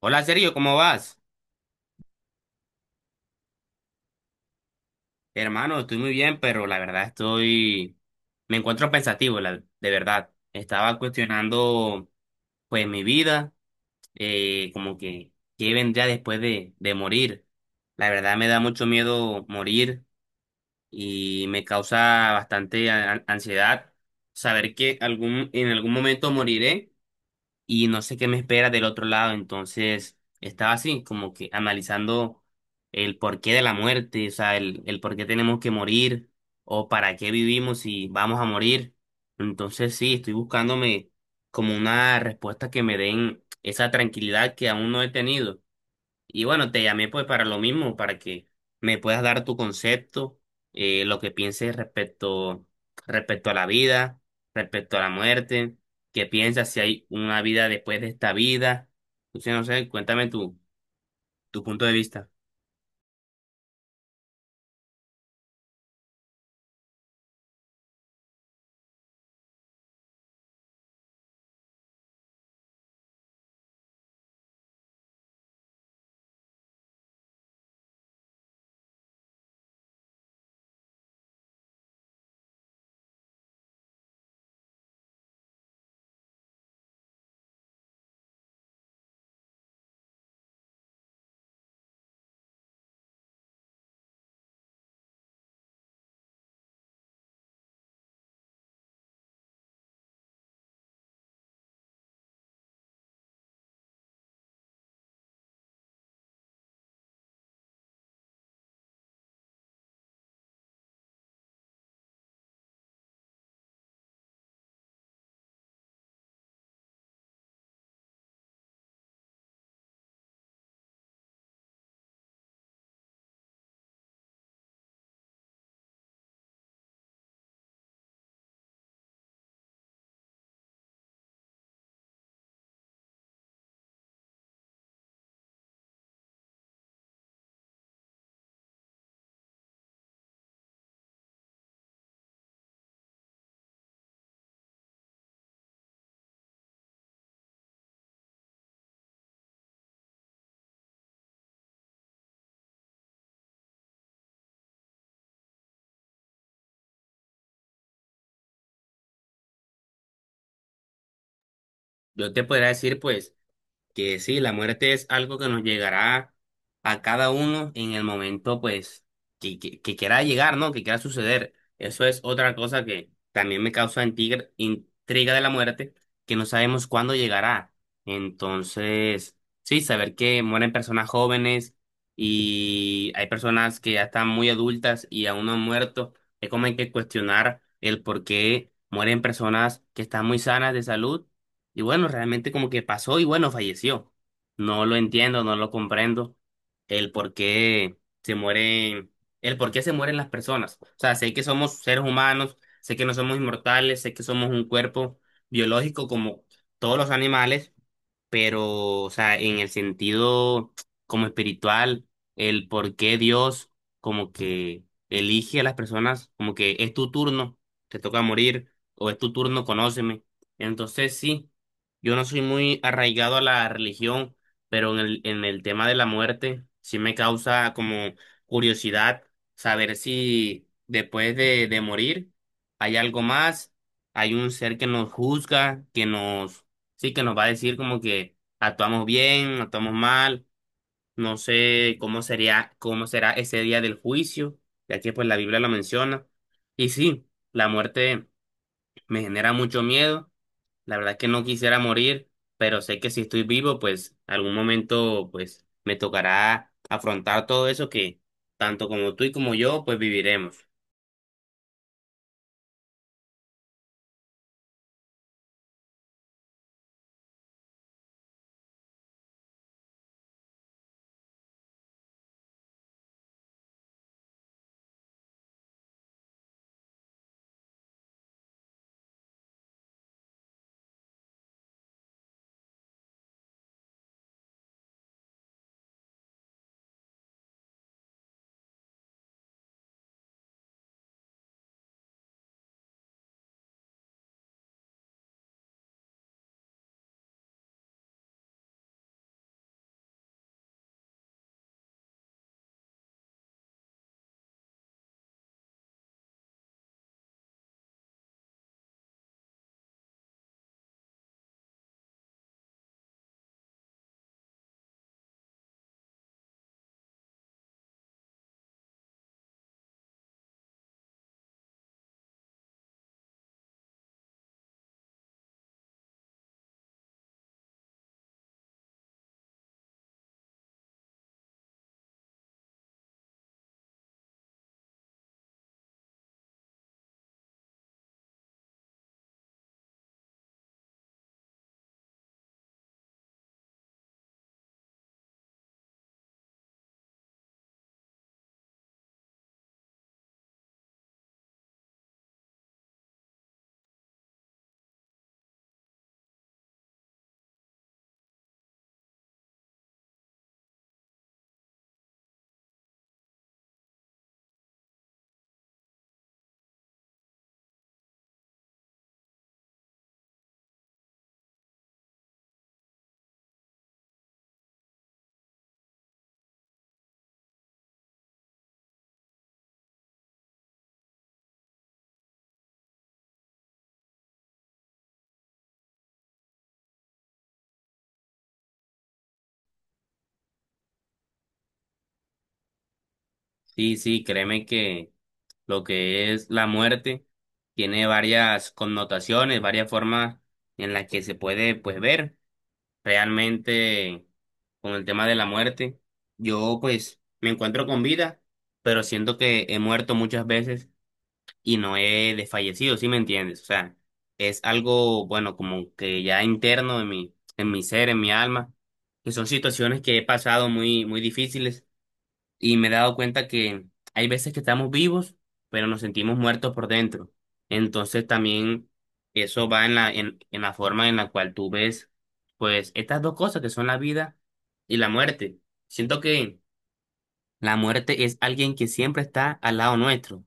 Hola Sergio, ¿cómo vas? Hermano, estoy muy bien, pero la verdad estoy, me encuentro pensativo, de verdad. Estaba cuestionando pues mi vida, como que qué vendría después de morir. La verdad me da mucho miedo morir y me causa bastante ansiedad saber que en algún momento moriré y no sé qué me espera del otro lado. Entonces, estaba así, como que analizando el porqué de la muerte, o sea, el por qué tenemos que morir o para qué vivimos si vamos a morir. Entonces, sí, estoy buscándome como una respuesta que me den esa tranquilidad que aún no he tenido. Y bueno, te llamé pues para lo mismo, para que me puedas dar tu concepto, lo que pienses respecto a la vida, respecto a la muerte, qué piensas si hay una vida después de esta vida. Entonces, no sé, tu punto de vista. Yo te podría decir pues que sí, la muerte es algo que nos llegará a cada uno en el momento, pues, que quiera llegar, ¿no? Que quiera suceder. Eso es otra cosa que también me causa intriga, intriga de la muerte, que no sabemos cuándo llegará. Entonces, sí, saber que mueren personas jóvenes y hay personas que ya están muy adultas y aún no han muerto, es como hay que cuestionar el por qué mueren personas que están muy sanas de salud y bueno, realmente como que pasó y bueno, falleció. No lo entiendo, no lo comprendo. El por qué se mueren, el por qué se mueren las personas. O sea, sé que somos seres humanos, sé que no somos inmortales, sé que somos un cuerpo biológico como todos los animales, pero, o sea, en el sentido como espiritual, el por qué Dios como que elige a las personas, como que es tu turno, te toca morir, o es tu turno, conóceme. Entonces, sí, yo no soy muy arraigado a la religión, pero en el tema de la muerte, sí me causa como curiosidad saber si después de morir hay algo más, hay un ser que nos juzga, que nos Sí, que nos va a decir como que actuamos bien, actuamos mal, no sé cómo sería, cómo será ese día del juicio, ya que pues la Biblia lo menciona. Y sí, la muerte me genera mucho miedo, la verdad es que no quisiera morir, pero sé que si estoy vivo, pues algún momento pues me tocará afrontar todo eso que tanto como tú y como yo pues viviremos. Sí, sí, créeme lo que es la muerte, tiene varias connotaciones, varias formas en las que se puede pues ver realmente con el tema de la muerte. Yo pues me encuentro con vida, pero siento que he muerto muchas veces y no he desfallecido, ¿sí me entiendes? O sea, es algo bueno como que ya interno en mi ser, en mi alma, que son situaciones que he pasado muy muy difíciles y me he dado cuenta que hay veces que estamos vivos, pero nos sentimos muertos por dentro. Entonces también eso va en la forma en la cual tú ves, pues, estas dos cosas que son la vida y la muerte. Siento que la muerte es alguien que siempre está al lado nuestro,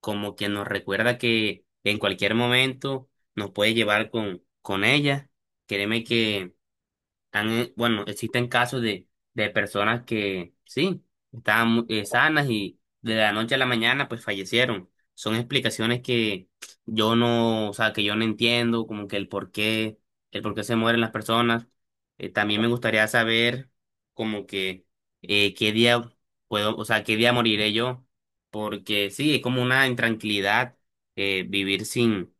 como que nos recuerda que en cualquier momento nos puede llevar con ella. Créeme que existen casos de personas que sí, estaban sanas y de la noche a la mañana pues fallecieron. Son explicaciones que yo no, o sea, que yo no entiendo, como que el por qué se mueren las personas. También me gustaría saber como que qué día puedo, o sea, qué día moriré yo, porque sí, es como una intranquilidad eh, vivir sin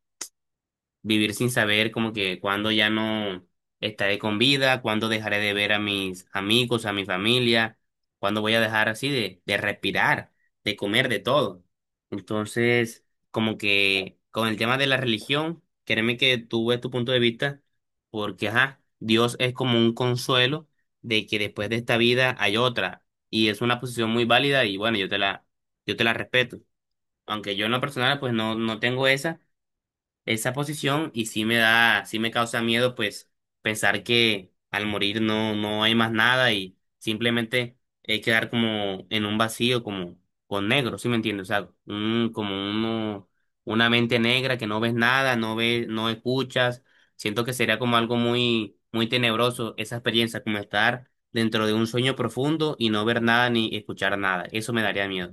vivir sin saber como que cuándo ya no estaré con vida, cuándo dejaré de ver a mis amigos, a mi familia, cuándo voy a dejar así de respirar, de comer, de todo. Entonces, como que con el tema de la religión, créeme que tú ves tu punto de vista, porque ajá, Dios es como un consuelo de que después de esta vida hay otra, y es una posición muy válida y bueno, yo te la respeto. Aunque yo en lo personal pues no, no tengo esa posición y sí me da, sí me causa miedo, pues pensar que al morir no, no hay más nada y simplemente quedar como en un vacío, como con negro, ¿sí me entiendes? O sea, un, como uno, una mente negra que no ves nada, no ves, no escuchas. Siento que sería como algo muy, muy tenebroso esa experiencia, como estar dentro de un sueño profundo y no ver nada ni escuchar nada. Eso me daría miedo.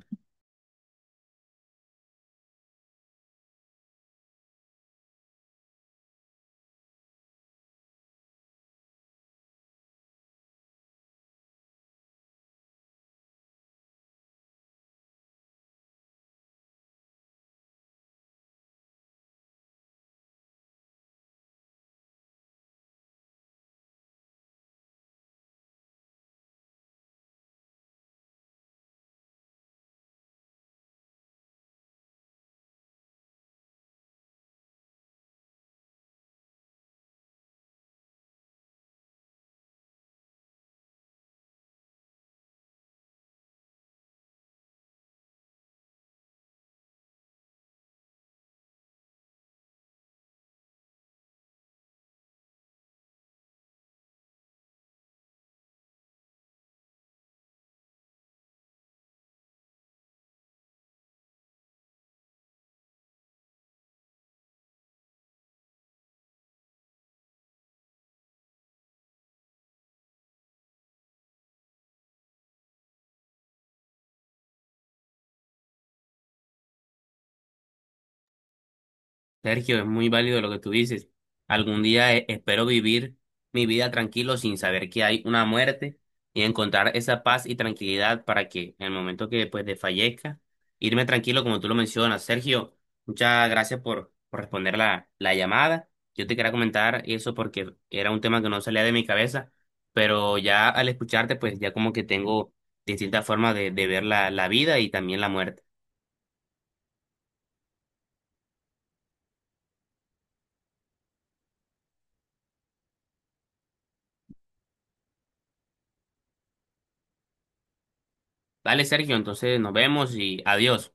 Sergio, es muy válido lo que tú dices. Algún día espero vivir mi vida tranquilo sin saber que hay una muerte y encontrar esa paz y tranquilidad para que en el momento que pues desfallezca, irme tranquilo como tú lo mencionas. Sergio, muchas gracias por responder la llamada. Yo te quería comentar eso porque era un tema que no salía de mi cabeza, pero ya al escucharte pues ya como que tengo distintas formas de ver la vida y también la muerte. Vale, Sergio, entonces nos vemos y adiós.